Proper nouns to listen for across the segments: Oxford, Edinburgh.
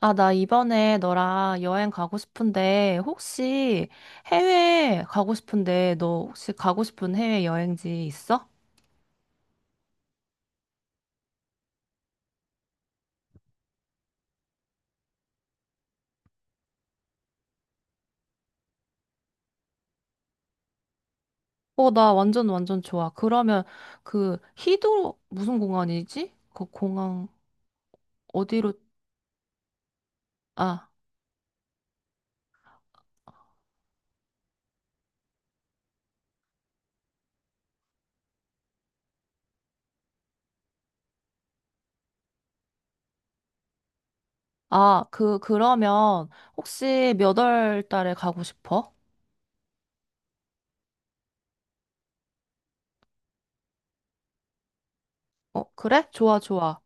아, 나 이번에 너랑 여행 가고 싶은데, 혹시 해외 가고 싶은데, 너 혹시 가고 싶은 해외 여행지 있어? 어, 나 완전 완전 좋아. 그러면 그 히드로 무슨 공항이지? 그 공항 어디로? 아, 아, 그 그러면 혹시 몇 월 달에 가고 싶어? 어, 그래? 좋아, 좋아.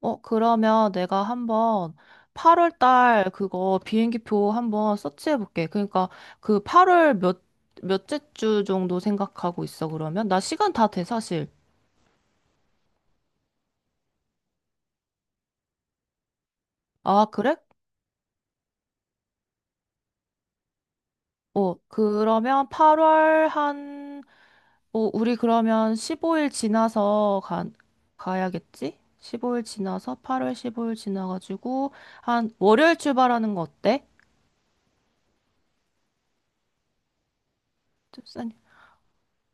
어, 그러면 내가 한번 8월 달 그거 비행기표 한번 서치해 볼게. 그러니까 그 8월 몇째 주 정도 생각하고 있어, 그러면? 나 시간 다 돼, 사실. 아, 그래? 어, 그러면 8월 우리 그러면 15일 지나서 가야겠지? 15일 지나서 8월 15일 지나가지고 한 월요일 출발하는 거 어때?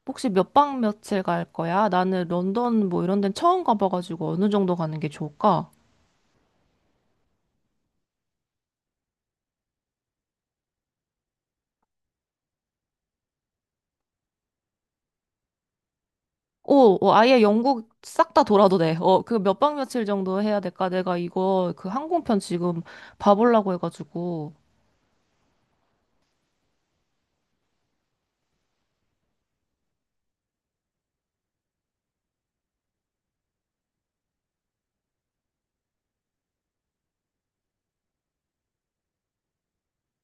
혹시 몇 박 며칠 갈 거야? 나는 런던 뭐 이런 데는 처음 가봐가지고 어느 정도 가는 게 좋을까? 오, 어, 아예 영국 싹 다 돌아도 돼. 어, 그 몇 박 며칠 정도 해야 될까? 내가 이거 그 항공편 지금 봐보려고 해가지고.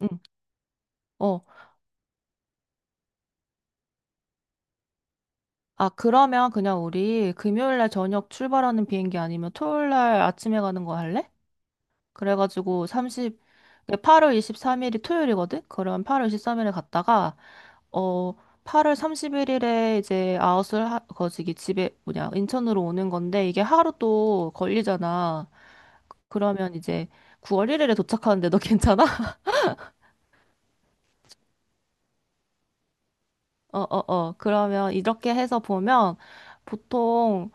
응, 어. 아, 그러면 그냥 우리 금요일 날 저녁 출발하는 비행기 아니면 토요일 날 아침에 가는 거 할래? 그래가지고 8월 23일이 토요일이거든? 그럼 8월 23일에 갔다가 어, 8월 31일에 이제 거시기 집에, 뭐냐, 인천으로 오는 건데, 이게 하루 또 걸리잖아. 그러면 이제 9월 1일에 도착하는데 너 괜찮아? 어, 어, 어. 그러면 이렇게 해서 보면, 보통,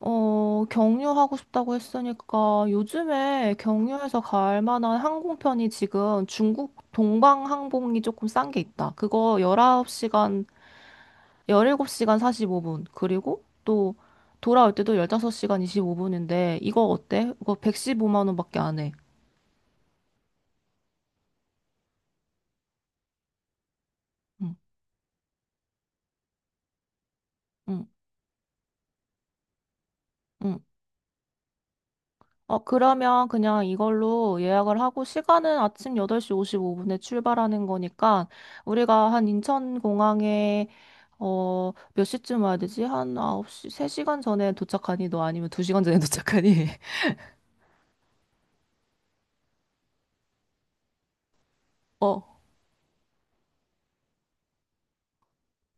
경유하고 싶다고 했으니까, 요즘에 경유해서 갈 만한 항공편이 지금 중국 동방항공이 조금 싼 게 있다. 그거 19시간 17시간 45분. 그리고 또 돌아올 때도 15시간 25분인데 이거 어때? 이거 115만 원밖에 안 해. 응, 응, 응. 어, 그러면 그냥 이걸로 예약을 하고 시간은 아침 8시 55분에 출발하는 거니까 우리가 한 인천공항에 몇 시쯤 와야 되지? 한 9시, 3시간 전에 도착하니, 너? 아니면 2시간 전에 도착하니? 어,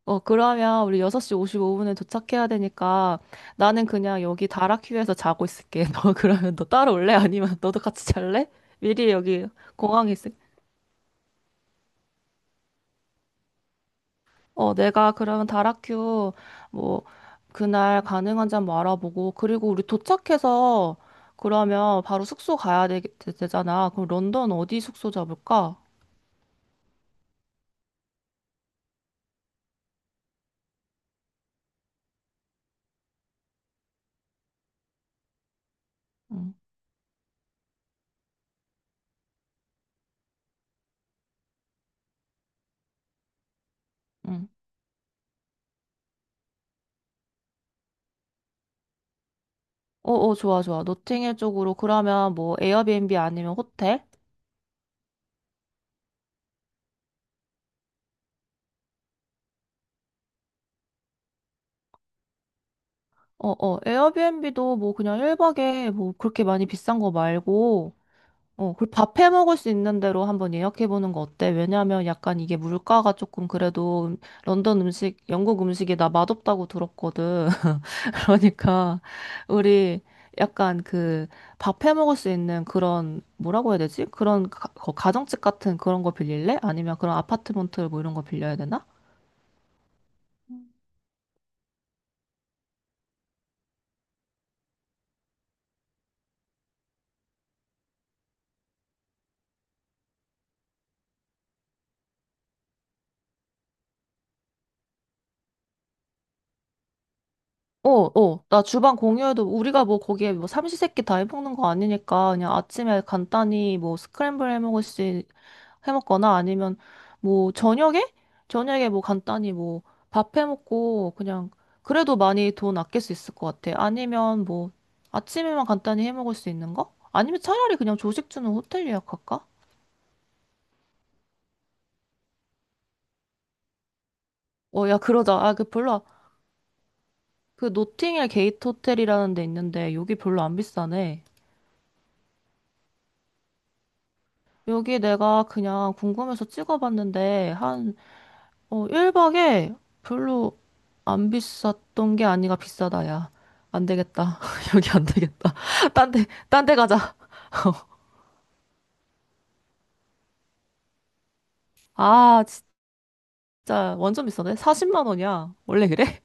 어, 그러면 우리 6시 55분에 도착해야 되니까 나는 그냥 여기 다락휴에서 자고 있을게. 너 그러면 너 따라올래? 아니면 너도 같이 잘래? 미리 여기 공항에 있을. 어, 내가 그러면 다락휴 뭐 그날 가능한지 한번 알아보고, 그리고 우리 도착해서 그러면 바로 숙소 가야 되, 잖아. 그럼 런던 어디 숙소 잡을까? 응, 응. 어, 어, 좋아, 좋아. 노팅힐 쪽으로 그러면 뭐 에어비앤비 아니면 호텔? 어, 어, 에어비앤비도 뭐 그냥 1박에 뭐 그렇게 많이 비싼 거 말고, 어, 그리고 밥해 먹을 수 있는 대로 한번 예약해 보는 거 어때? 왜냐면 약간 이게 물가가 조금 그래도 런던 음식, 영국 음식이 나 맛없다고 들었거든. 그러니까 우리 약간 그 밥해 먹을 수 있는 그런 뭐라고 해야 되지? 그런 가정집 같은 그런 거 빌릴래? 아니면 그런 아파트먼트 뭐 이런 거 빌려야 되나? 어, 어. 나 주방 공유해도 우리가 뭐 거기에 뭐 삼시세끼 다 해먹는 거 아니니까 그냥 아침에 간단히 뭐 스크램블 해먹거나, 아니면 뭐 저녁에 뭐 간단히 뭐 밥 해먹고 그냥 그래도 많이 돈 아낄 수 있을 것 같아. 아니면 뭐 아침에만 간단히 해먹을 수 있는 거? 아니면 차라리 그냥 조식 주는 호텔 예약할까? 어, 야, 그러자. 아, 그 노팅힐 게이트 호텔이라는 데 있는데 여기 별로 안 비싸네. 여기 내가 그냥 궁금해서 찍어봤는데, 한, 1박에 별로 안 비쌌던 게 아니라 비싸다, 야. 안 되겠다. 여기 안 되겠다. 딴데 가자. 아, 진짜 완전 비싸네. 40만 원이야. 원래 그래?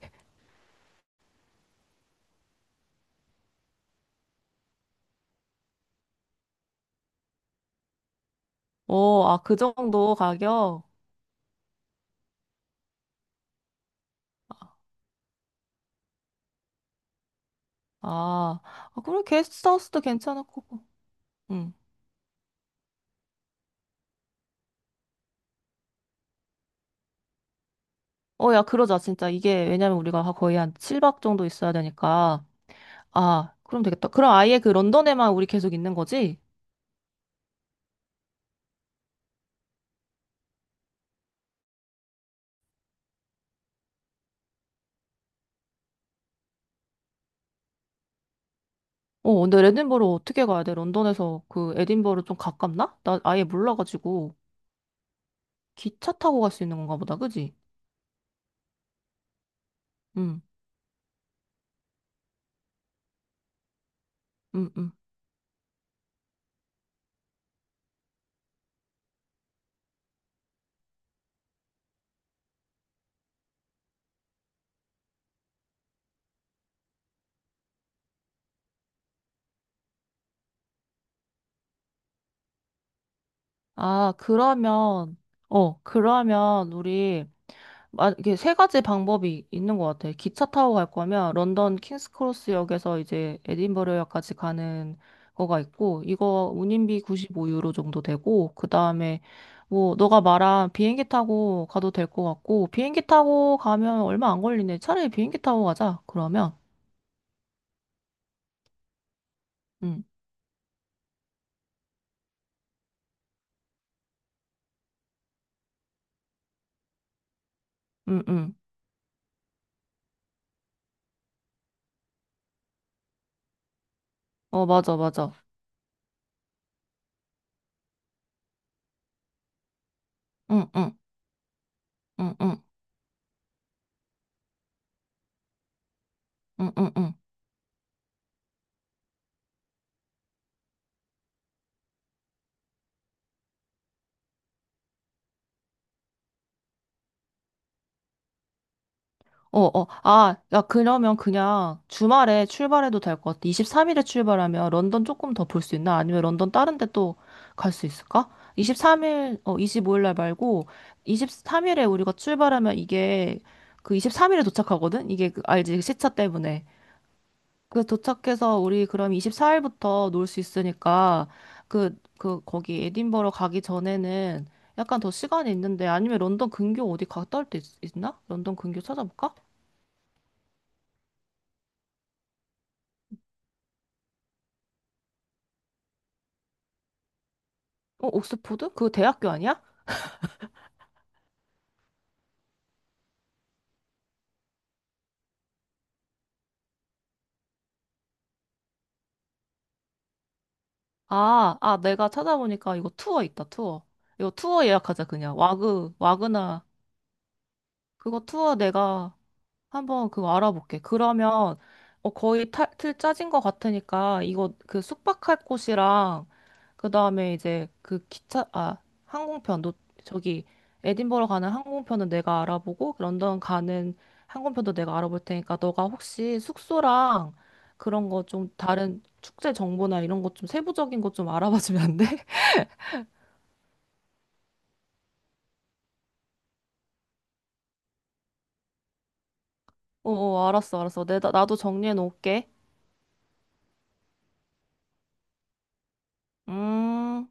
어, 아, 그 정도 가격? 아, 아, 그럼 게스트하우스도 괜찮을 거고. 응. 어, 야, 그러자, 진짜. 이게, 왜냐면 우리가 거의 한 7박 정도 있어야 되니까. 아, 그럼 되겠다. 그럼 아예 그 런던에만 우리 계속 있는 거지? 어, 근데 에딘버러 어떻게 가야 돼? 런던에서 그 에딘버러 좀 가깝나? 나 아예 몰라가지고 기차 타고 갈 수 있는 건가 보다, 그지? 응, 응, 응. 아, 그러면, 우리 이게 세 가지 방법이 있는 것 같아. 기차 타고 갈 거면 런던 킹스크로스역에서 이제 에딘버러역까지 가는 거가 있고, 이거 운임비 95유로 정도 되고, 그 다음에 뭐, 너가 말한 비행기 타고 가도 될 것 같고, 비행기 타고 가면 얼마 안 걸리네. 차라리 비행기 타고 가자, 그러면. 응, 응, 응. 어, 맞아, 맞아. 응, 응, 응, 응, 응, 응, 응. 어, 어, 아, 야, 그러면 그냥 주말에 출발해도 될 것 같아. 23일에 출발하면 런던 조금 더 볼 수 있나? 아니면 런던 다른 데 또 갈 수 있을까? 23일, 25일 날 말고, 23일에 우리가 출발하면 이게 그 23일에 도착하거든? 이게 그, 알지? 시차 때문에. 그 도착해서 우리 그럼 24일부터 놀 수 있으니까, 거기 에딘버러 가기 전에는 약간 더 시간이 있는데, 아니면 런던 근교 어디 갔다 올 때 있나? 런던 근교 찾아볼까? 어, 옥스포드? 그거 대학교 아니야? 아, 내가 찾아보니까 이거 투어 있다, 투어. 이거 투어 예약하자, 그냥. 와그나. 그거 투어 내가 한번 그거 알아볼게. 그러면 거의 틀 짜진 것 같으니까 이거 그 숙박할 곳이랑, 그 다음에 이제 그 기차, 항공편. 너 저기 에딘버러 가는 항공편은 내가 알아보고 런던 가는 항공편도 내가 알아볼 테니까, 너가 혹시 숙소랑 그런 거 좀, 다른 축제 정보나 이런 것 좀 세부적인 것 좀 알아봐 주면 안 돼? 어, 어, 알았어, 알았어. 내 나도 정리해 놓을게. 음.